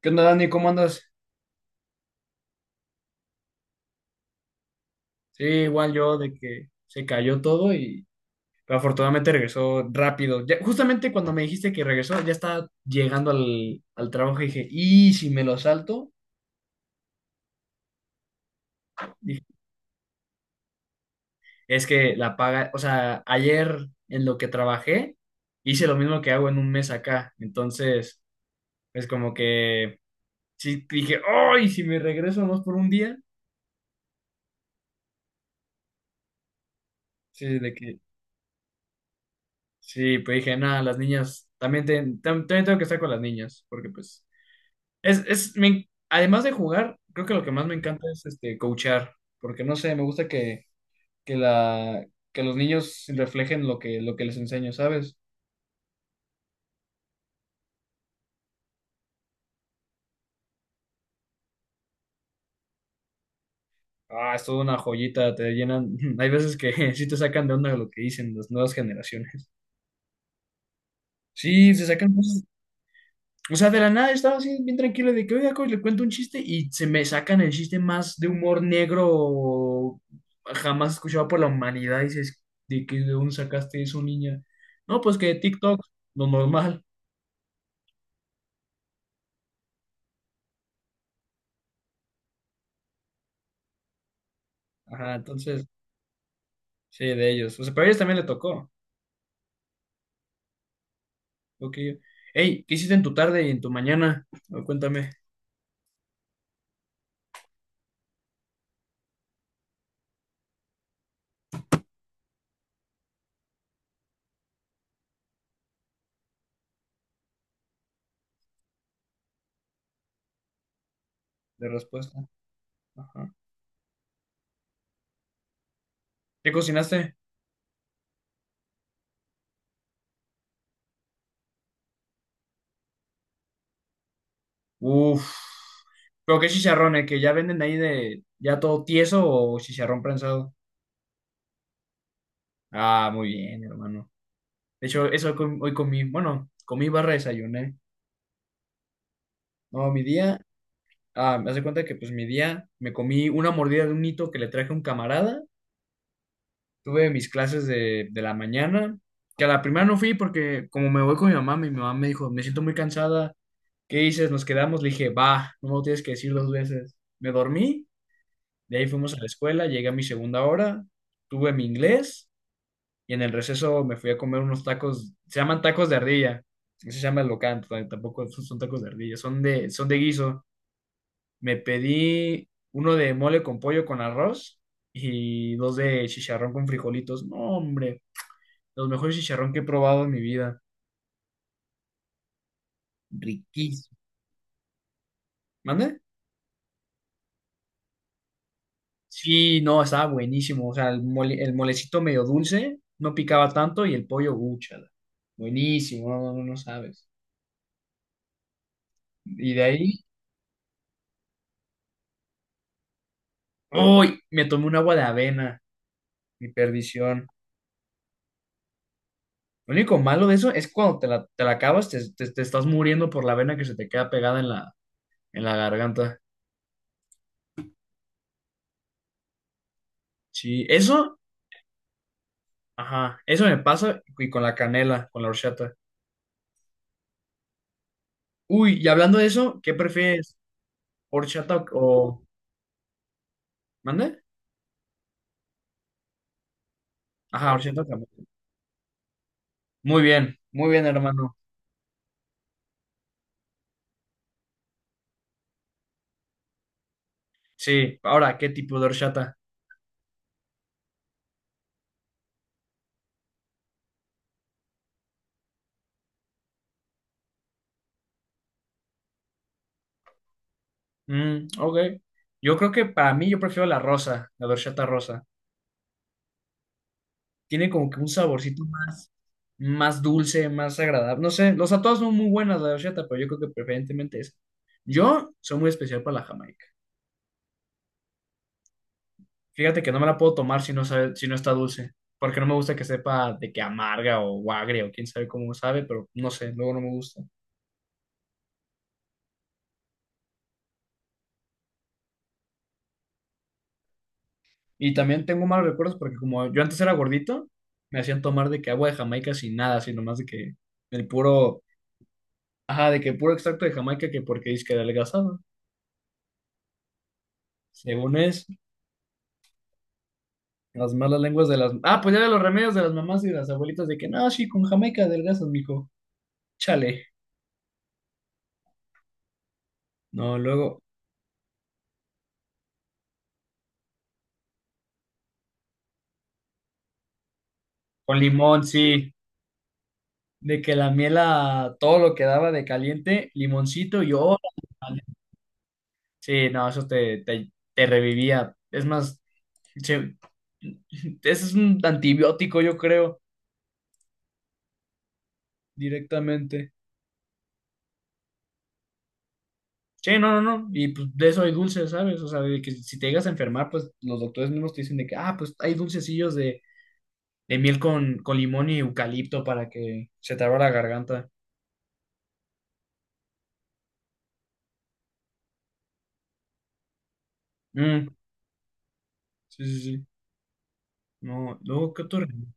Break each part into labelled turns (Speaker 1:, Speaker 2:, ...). Speaker 1: ¿Qué onda, Dani? ¿Cómo andas? Sí, igual yo de que se cayó todo y pero afortunadamente regresó rápido. Ya- justamente cuando me dijiste que regresó, ya estaba llegando al trabajo y dije, ¿y si me lo salto? Dije, es que la paga, o sea, ayer en lo que trabajé, hice lo mismo que hago en un mes acá. Entonces, es como que sí dije, ¡ay! Si me regreso nomás por un día. Sí, de que sí, pues dije, nada, las niñas, también, también tengo que estar con las niñas, porque pues. Además de jugar, creo que lo que más me encanta es este coachar, porque no sé, me gusta que la, que los niños reflejen lo que les enseño, ¿sabes? Ah, es toda una joyita, te llenan. Hay veces que sí te sacan de onda lo que dicen las nuevas generaciones. Sí, se sacan. O sea, de la nada estaba así bien tranquilo de que, oiga, coach, le cuento un chiste y se me sacan el chiste más de humor negro jamás escuchado por la humanidad. Y dices, ¿de qué, de dónde sacaste eso, niña? No, pues que de TikTok, lo normal. Ajá, entonces, sí, de ellos. O sea, pero a ellos también le tocó. Lo hey, ¿qué hiciste en tu tarde y en tu mañana? A ver, cuéntame de respuesta. Ajá. ¿Qué cocinaste? Uf. ¿Pero qué chicharrones? ¿Que ya venden ahí de ya todo tieso o chicharrón prensado? Ah, muy bien, hermano. De hecho, hoy comí, bueno, comí barra desayuné. No, mi día, ah, me hace cuenta que pues mi día me comí una mordida de un hito que le traje a un camarada. Tuve mis clases de la mañana, que a la primera no fui porque como me voy con mi mamá me dijo, me siento muy cansada, ¿qué dices? Nos quedamos, le dije, va, no me lo tienes que decir dos veces. Me dormí, de ahí fuimos a la escuela, llegué a mi segunda hora, tuve mi inglés. Y en el receso me fui a comer unos tacos, se llaman tacos de ardilla, así se llama el local, tampoco son tacos de ardilla, son de guiso. Me pedí uno de mole con pollo con arroz y dos de chicharrón con frijolitos. No, hombre, los mejores chicharrón que he probado en mi vida. Riquísimo. ¿Mande? Sí, no, estaba buenísimo. O sea, el mole, el molecito medio dulce, no picaba tanto y el pollo, úchala. Buenísimo, no, no, no sabes. Y de ahí, ¡uy! Me tomé un agua de avena. Mi perdición. Lo único malo de eso es cuando te la acabas, te, te estás muriendo por la vena que se te queda pegada en la garganta. Sí, eso, ajá, eso me pasa y con la canela, con la horchata. Uy, y hablando de eso, ¿qué prefieres? ¿Horchata o- ¿Mande? Ajá, horchata o camote. Muy bien, hermano. Sí, ahora, ¿qué tipo de horchata? Mm, ok. Yo creo que para mí yo prefiero la rosa, la horchata rosa. Tiene como que un saborcito más, más dulce, más agradable. No sé, los sea, todas son muy buenas la de horchata, pero yo creo que preferentemente esa. Yo soy muy especial para la jamaica. Fíjate que no me la puedo tomar si no sabe, si no está dulce, porque no me gusta que sepa de que amarga o agria o quién sabe cómo sabe, pero no sé, luego no me gusta. Y también tengo malos recuerdos porque como yo antes era gordito, me hacían tomar de que agua de Jamaica sin nada, sino más de que el puro, ajá, de que puro extracto de Jamaica que porque es que adelgazaba, según es. Las malas lenguas de las... Ah, pues ya de los remedios de las mamás y de las abuelitas de que, no, sí, con jamaica adelgazas, mijo. Chale. No, luego, con limón, sí. De que la miel a todo lo que daba de caliente, limoncito y oro. Sí, no, eso te revivía. Es más, se- ese es un antibiótico, yo creo, directamente. Sí, no, no, no. Y pues de eso hay dulces, ¿sabes? O sea, de que si te llegas a enfermar, pues los doctores mismos te dicen de que, ah, pues hay dulcecillos de miel con limón y eucalipto para que se te abra la garganta. Mm, sí, sí, sí. No, luego, ¿qué otro relleno?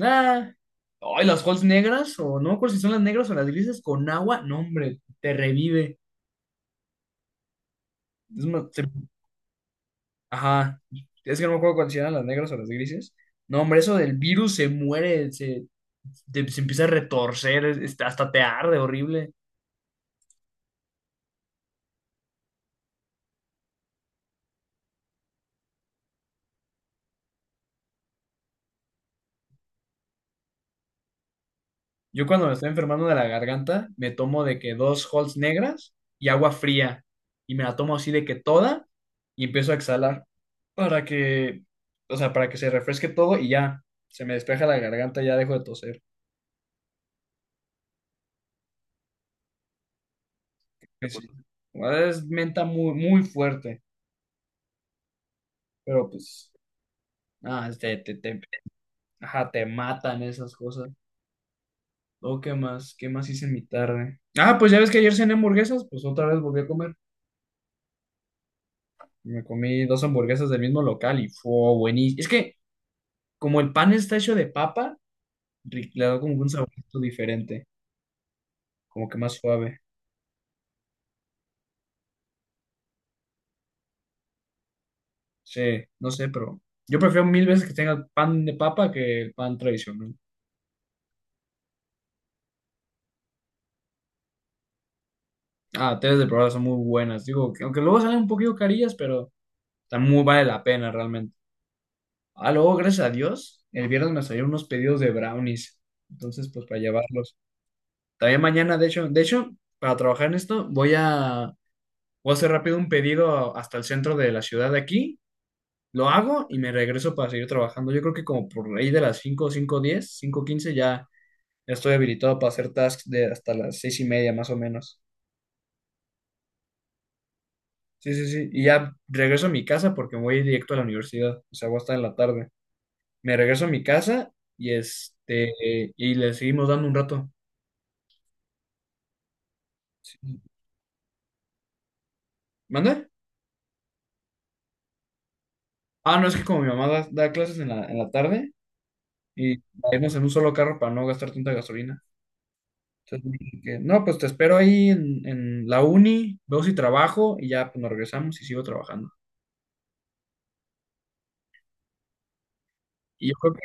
Speaker 1: Ah, ay, las holes negras, o no me acuerdo si son las negras o las grises, con agua, no, hombre, te revive. Es más, te- ajá, es que no me acuerdo cuáles eran las negras o las grises. No, hombre, eso del virus se muere, se, te- se empieza a retorcer, es- hasta te arde horrible. Yo cuando me estoy enfermando de la garganta, me tomo de que dos Halls negras y agua fría. Y me la tomo así de que toda y empiezo a exhalar para que, o sea, para que se refresque todo y ya, se me despeja la garganta, ya dejo de toser. Qué es, bueno, es menta muy, muy fuerte, pero pues, ah, ajá, te matan esas cosas. Oh, ¿qué más? ¿Qué más hice en mi tarde? Ah, pues ya ves que ayer cené hamburguesas, pues otra vez volví a comer. Me comí dos hamburguesas del mismo local y fue buenísimo. Es que como el pan está hecho de papa, le da como un saborcito diferente, como que más suave. Sí, no sé, pero yo prefiero mil veces que tenga pan de papa que el pan tradicional. Ah, tres de probada son muy buenas. Digo, que- aunque luego salen un poquito carillas, pero también muy vale la pena realmente. Ah, luego, gracias a Dios, el viernes me salieron unos pedidos de brownies. Entonces, pues para llevarlos. También mañana, de hecho, para trabajar en esto, voy a hacer rápido un pedido hasta el centro de la ciudad de aquí. Lo hago y me regreso para seguir trabajando. Yo creo que como por ahí de las cinco, 5 diez, 5 15 ya ya estoy habilitado para hacer tasks de hasta las 6:30 más o menos. Sí, sí, sí. Y ya regreso a mi casa porque voy directo a la universidad. O sea, voy a estar en la tarde. Me regreso a mi casa y este y le seguimos dando un rato. Sí. ¿Mande? Ah, no, es que como mi mamá da clases en la tarde y irnos en un solo carro para no gastar tanta gasolina. Entonces me dije que, no, pues te espero ahí en la uni, veo si trabajo y ya pues, nos regresamos y sigo trabajando. Y yo creo que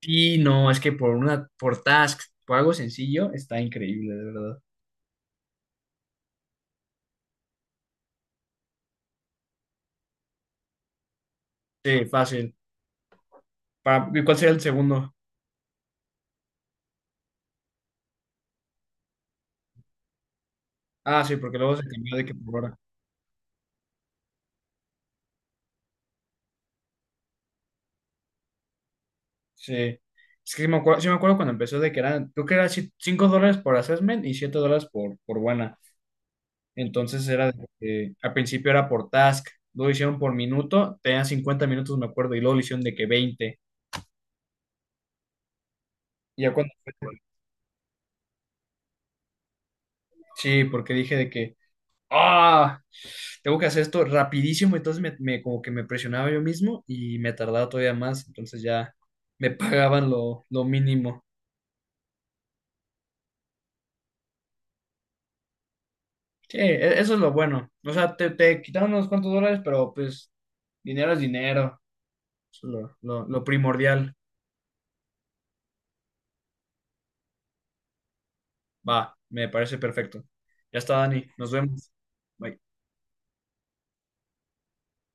Speaker 1: sí, no, es que por una, por task, por algo sencillo, está increíble, de verdad. Sí, fácil. Para, ¿y cuál sería el segundo? Ah, sí, porque luego se cambió de que por hora. Sí. Es que sí me acuerdo cuando empezó de que eran, creo que era $5 por assessment y $7 por buena. Entonces era, de que al principio era por task, luego hicieron por minuto, tenían 50 minutos, me acuerdo, y luego lo hicieron de que 20. Y ya cuando fue- sí, porque dije de que, ah, tengo que hacer esto rapidísimo, entonces me, como que me presionaba yo mismo y me tardaba todavía más, entonces ya me pagaban lo mínimo. Sí, eso es lo bueno. O sea, te quitaron unos cuantos dólares, pero pues dinero es dinero. Eso es lo, lo primordial. Va, me parece perfecto. Ya está, Dani, nos vemos. Bye.